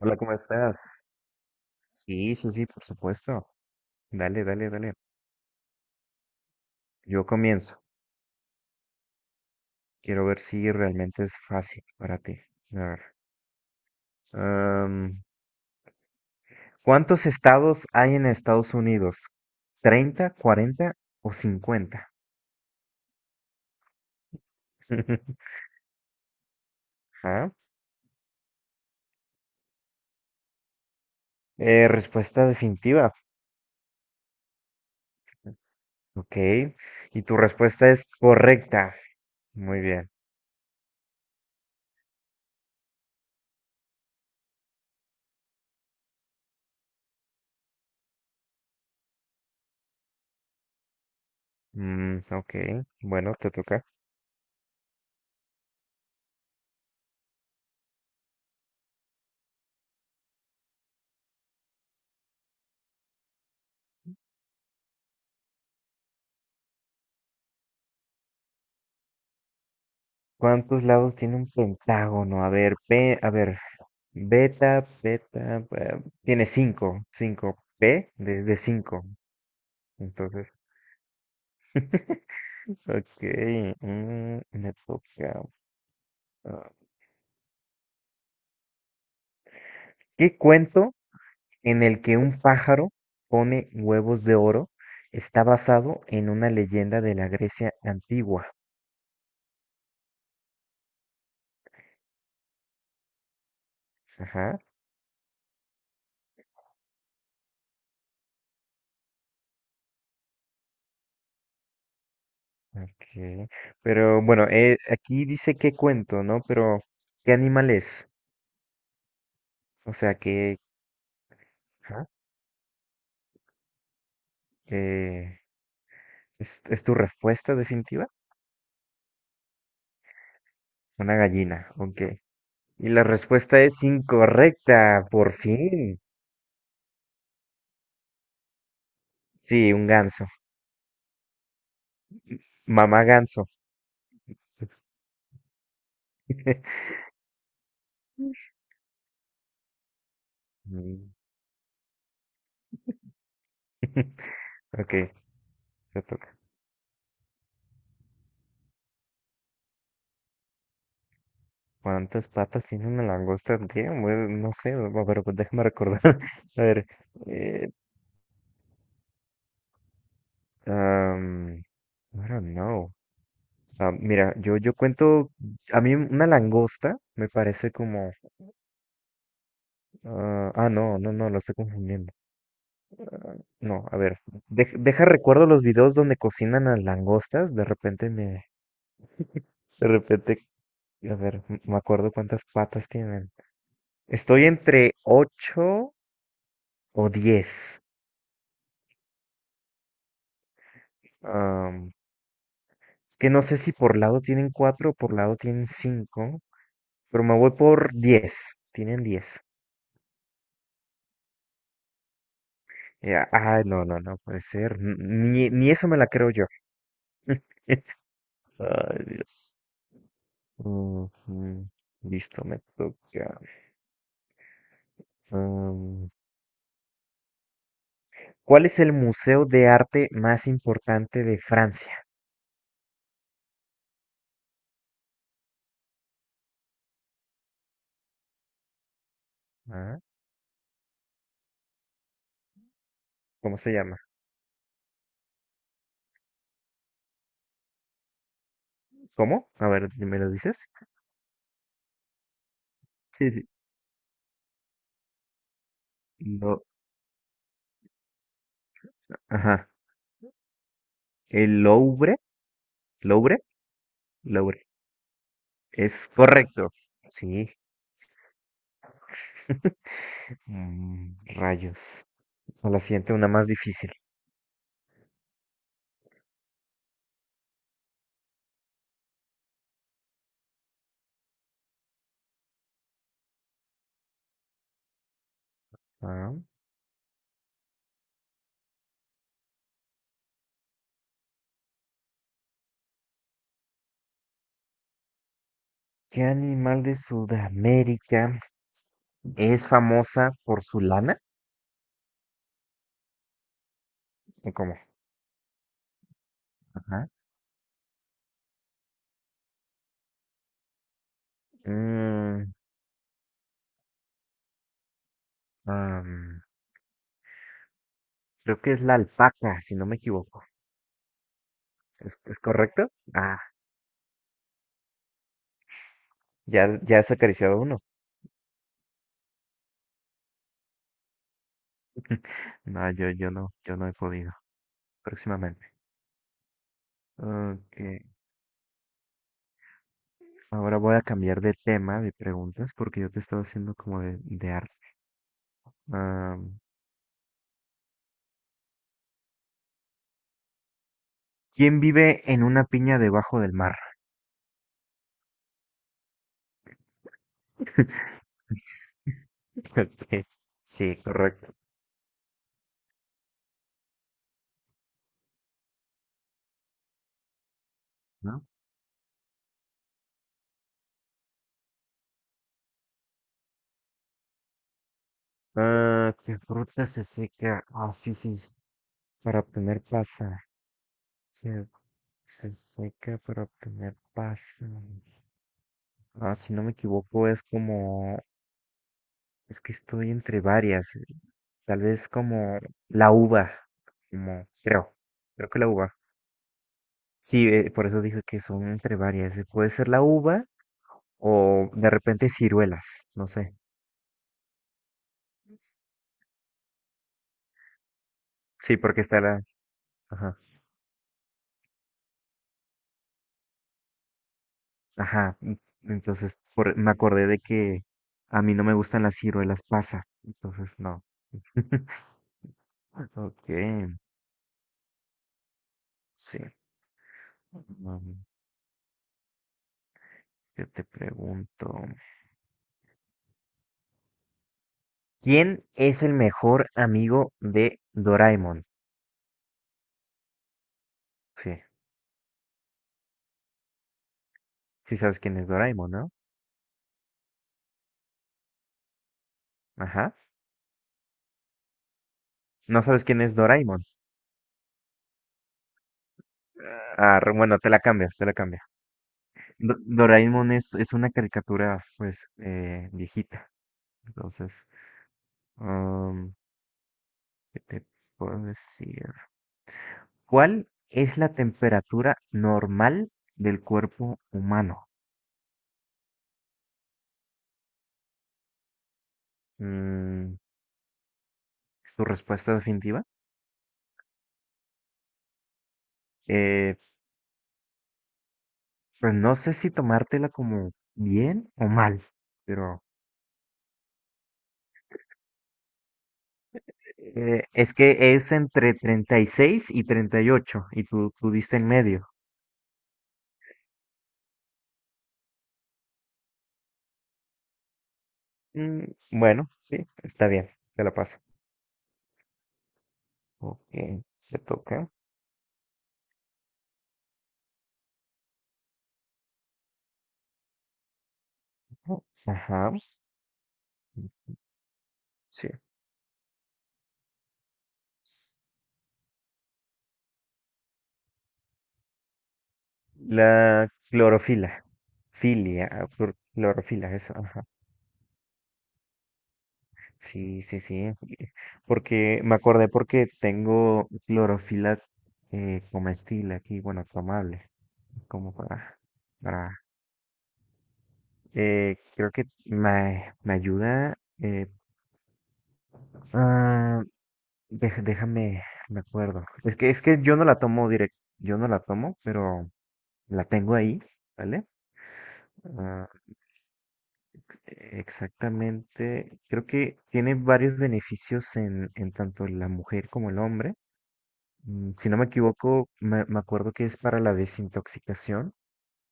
Hola, ¿cómo estás? Sí, sí, sí, por supuesto. Dale, dale, dale. Yo comienzo. Quiero ver si realmente es fácil para ti. A ver. am, ¿Cuántos estados hay en Estados Unidos? 30, 40 o cincuenta. Ajá. Respuesta definitiva. Ok. Y tu respuesta es correcta. Muy bien. Ok. Bueno, te toca. ¿Cuántos lados tiene un pentágono? A ver, P, a ver, beta, beta, tiene cinco, cinco, P de cinco. Entonces, ok, me toca. ah, ¿Qué cuento en el que un pájaro pone huevos de oro está basado en una leyenda de la Grecia antigua? Ajá, ok. Pero bueno, aquí dice qué cuento, ¿no? Pero ¿qué animal es? O sea, que... Eh, es tu respuesta definitiva? Una gallina, ok. Y la respuesta es incorrecta, por fin. Sí, un ganso. Mamá ganso. Mm. Ok, te toca. ¿Cuántas patas tiene una langosta? Damn, güey, no sé, va, pero pues déjame recordar. A ver, eh, I don't know. Ah, mira, yo cuento, a mí una langosta me parece como, ah, ah, no, no, no, lo estoy confundiendo. No, a ver, deja recuerdo los videos donde cocinan las langostas, de repente, a ver, me acuerdo cuántas patas tienen. Estoy entre 8 o 10. Am, es que no sé si por lado tienen 4 o por lado tienen 5, pero me voy por diez. Tienen 10. Ya, ay, no, no, no puede ser, ni, ni eso me la creo yo. Ay, Dios. Ujú, listo, me toca. ¿Cuál es el museo de arte más importante de Francia? Ah, ¿cómo se llama? ¿Cómo? A ver, ¿me lo dices? Sí, sí. Lo- ajá. El Louvre, Louvre, Louvre. Es correcto. Sí. Mm, rayos. A la siguiente, una más difícil. Ah, ¿qué animal de Sudamérica es famosa por su lana? ¿O cómo? Ajá. Mm, am, creo que es la alpaca, si no me equivoco. Es correcto? Ah, ya, ya has acariciado uno. No, yo no he podido. Próximamente. Ok, ahora voy a cambiar de tema de preguntas porque yo te estaba haciendo como de arte. Ah, ¿Quién vive en una piña debajo del mar? Ok, sí, correcto, ¿no? Ah, ¿qué fruta se seca? Ah, sí, sí, sí, para obtener pasa. Se, se seca para obtener pasa. Ah, si no me equivoco, es como... Es que estoy entre varias. Tal vez como la uva, como creo que la uva. Sí, por eso dije que son entre varias. Puede ser la uva o de repente ciruelas, no sé. Sí, porque está la... Ajá, ajá. Entonces, me acordé de que a mí no me gustan las ciruelas pasa. Entonces, no. Ok, sí. Mm, yo te pregunto, ¿quién es el mejor amigo de Doraemon? Sí. ¿Sí sabes quién es Doraemon, no? Ajá. No sabes quién es Doraemon. Ah, bueno, te la cambio. Doraemon es una caricatura, pues, viejita. Entonces, um, ¿qué te puedo decir? ¿Cuál es la temperatura normal del cuerpo humano? Mm, ¿es tu respuesta definitiva? Eh, pues no sé si tomártela como bien o mal, pero... es que es entre treinta y ocho, y tú diste en medio. Mm, bueno, sí, está bien, te la paso. Ok, te toca. Oh, ajá, sí. La clorofila. Filia, ah, clorofila, eso, ajá. Sí, sí, sí. Porque me acordé porque tengo clorofila comestible aquí, bueno, tomable, como para, creo que me ayuda ah, déjame, me acuerdo. Es que yo no la tomo directo, yo no la tomo, pero la tengo ahí, ¿vale? Ah, exactamente. Creo que tiene varios beneficios en tanto la mujer como el hombre. Mm, si no me equivoco, me acuerdo que es para la desintoxicación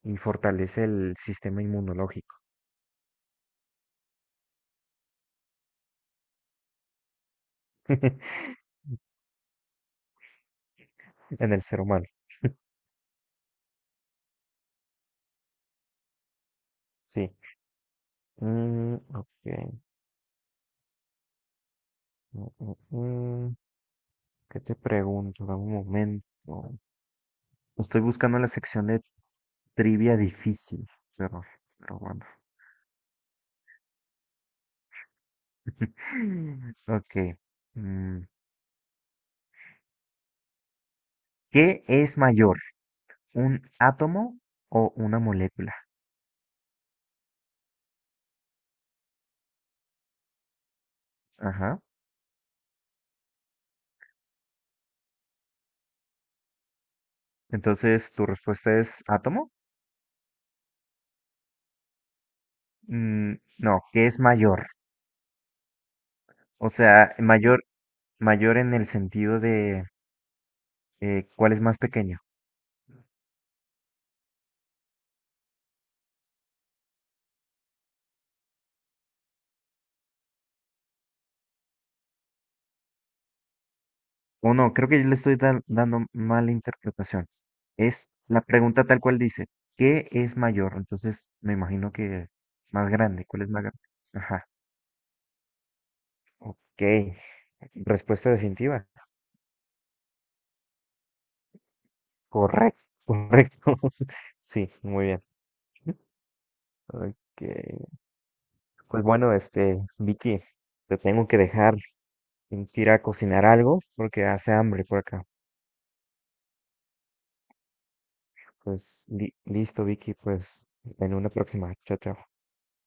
y fortalece el sistema inmunológico en el ser humano. Sí. Mm, ok. Mm, mm, mm. ¿Qué te pregunto? Dame un momento. Estoy buscando la sección de trivia difícil. Qué horror, pero bueno. Ok. mm, ¿Qué es mayor? ¿Un átomo o una molécula? Ajá. Entonces, ¿tu respuesta es átomo? Mm, no, ¿qué es mayor? O sea, mayor en el sentido de ¿cuál es más pequeño? O no, creo que yo le estoy dando mala interpretación. Es la pregunta tal cual dice, ¿qué es mayor? Entonces me imagino que más grande, ¿cuál es más grande? Ajá, ok, respuesta definitiva. Correcto, correcto. Sí, muy bien. Ok, pues bueno, este, Vicky, te tengo que dejar, tengo que ir a cocinar algo porque hace hambre por acá. Pues listo, Vicky, pues en una próxima. Chao, chao.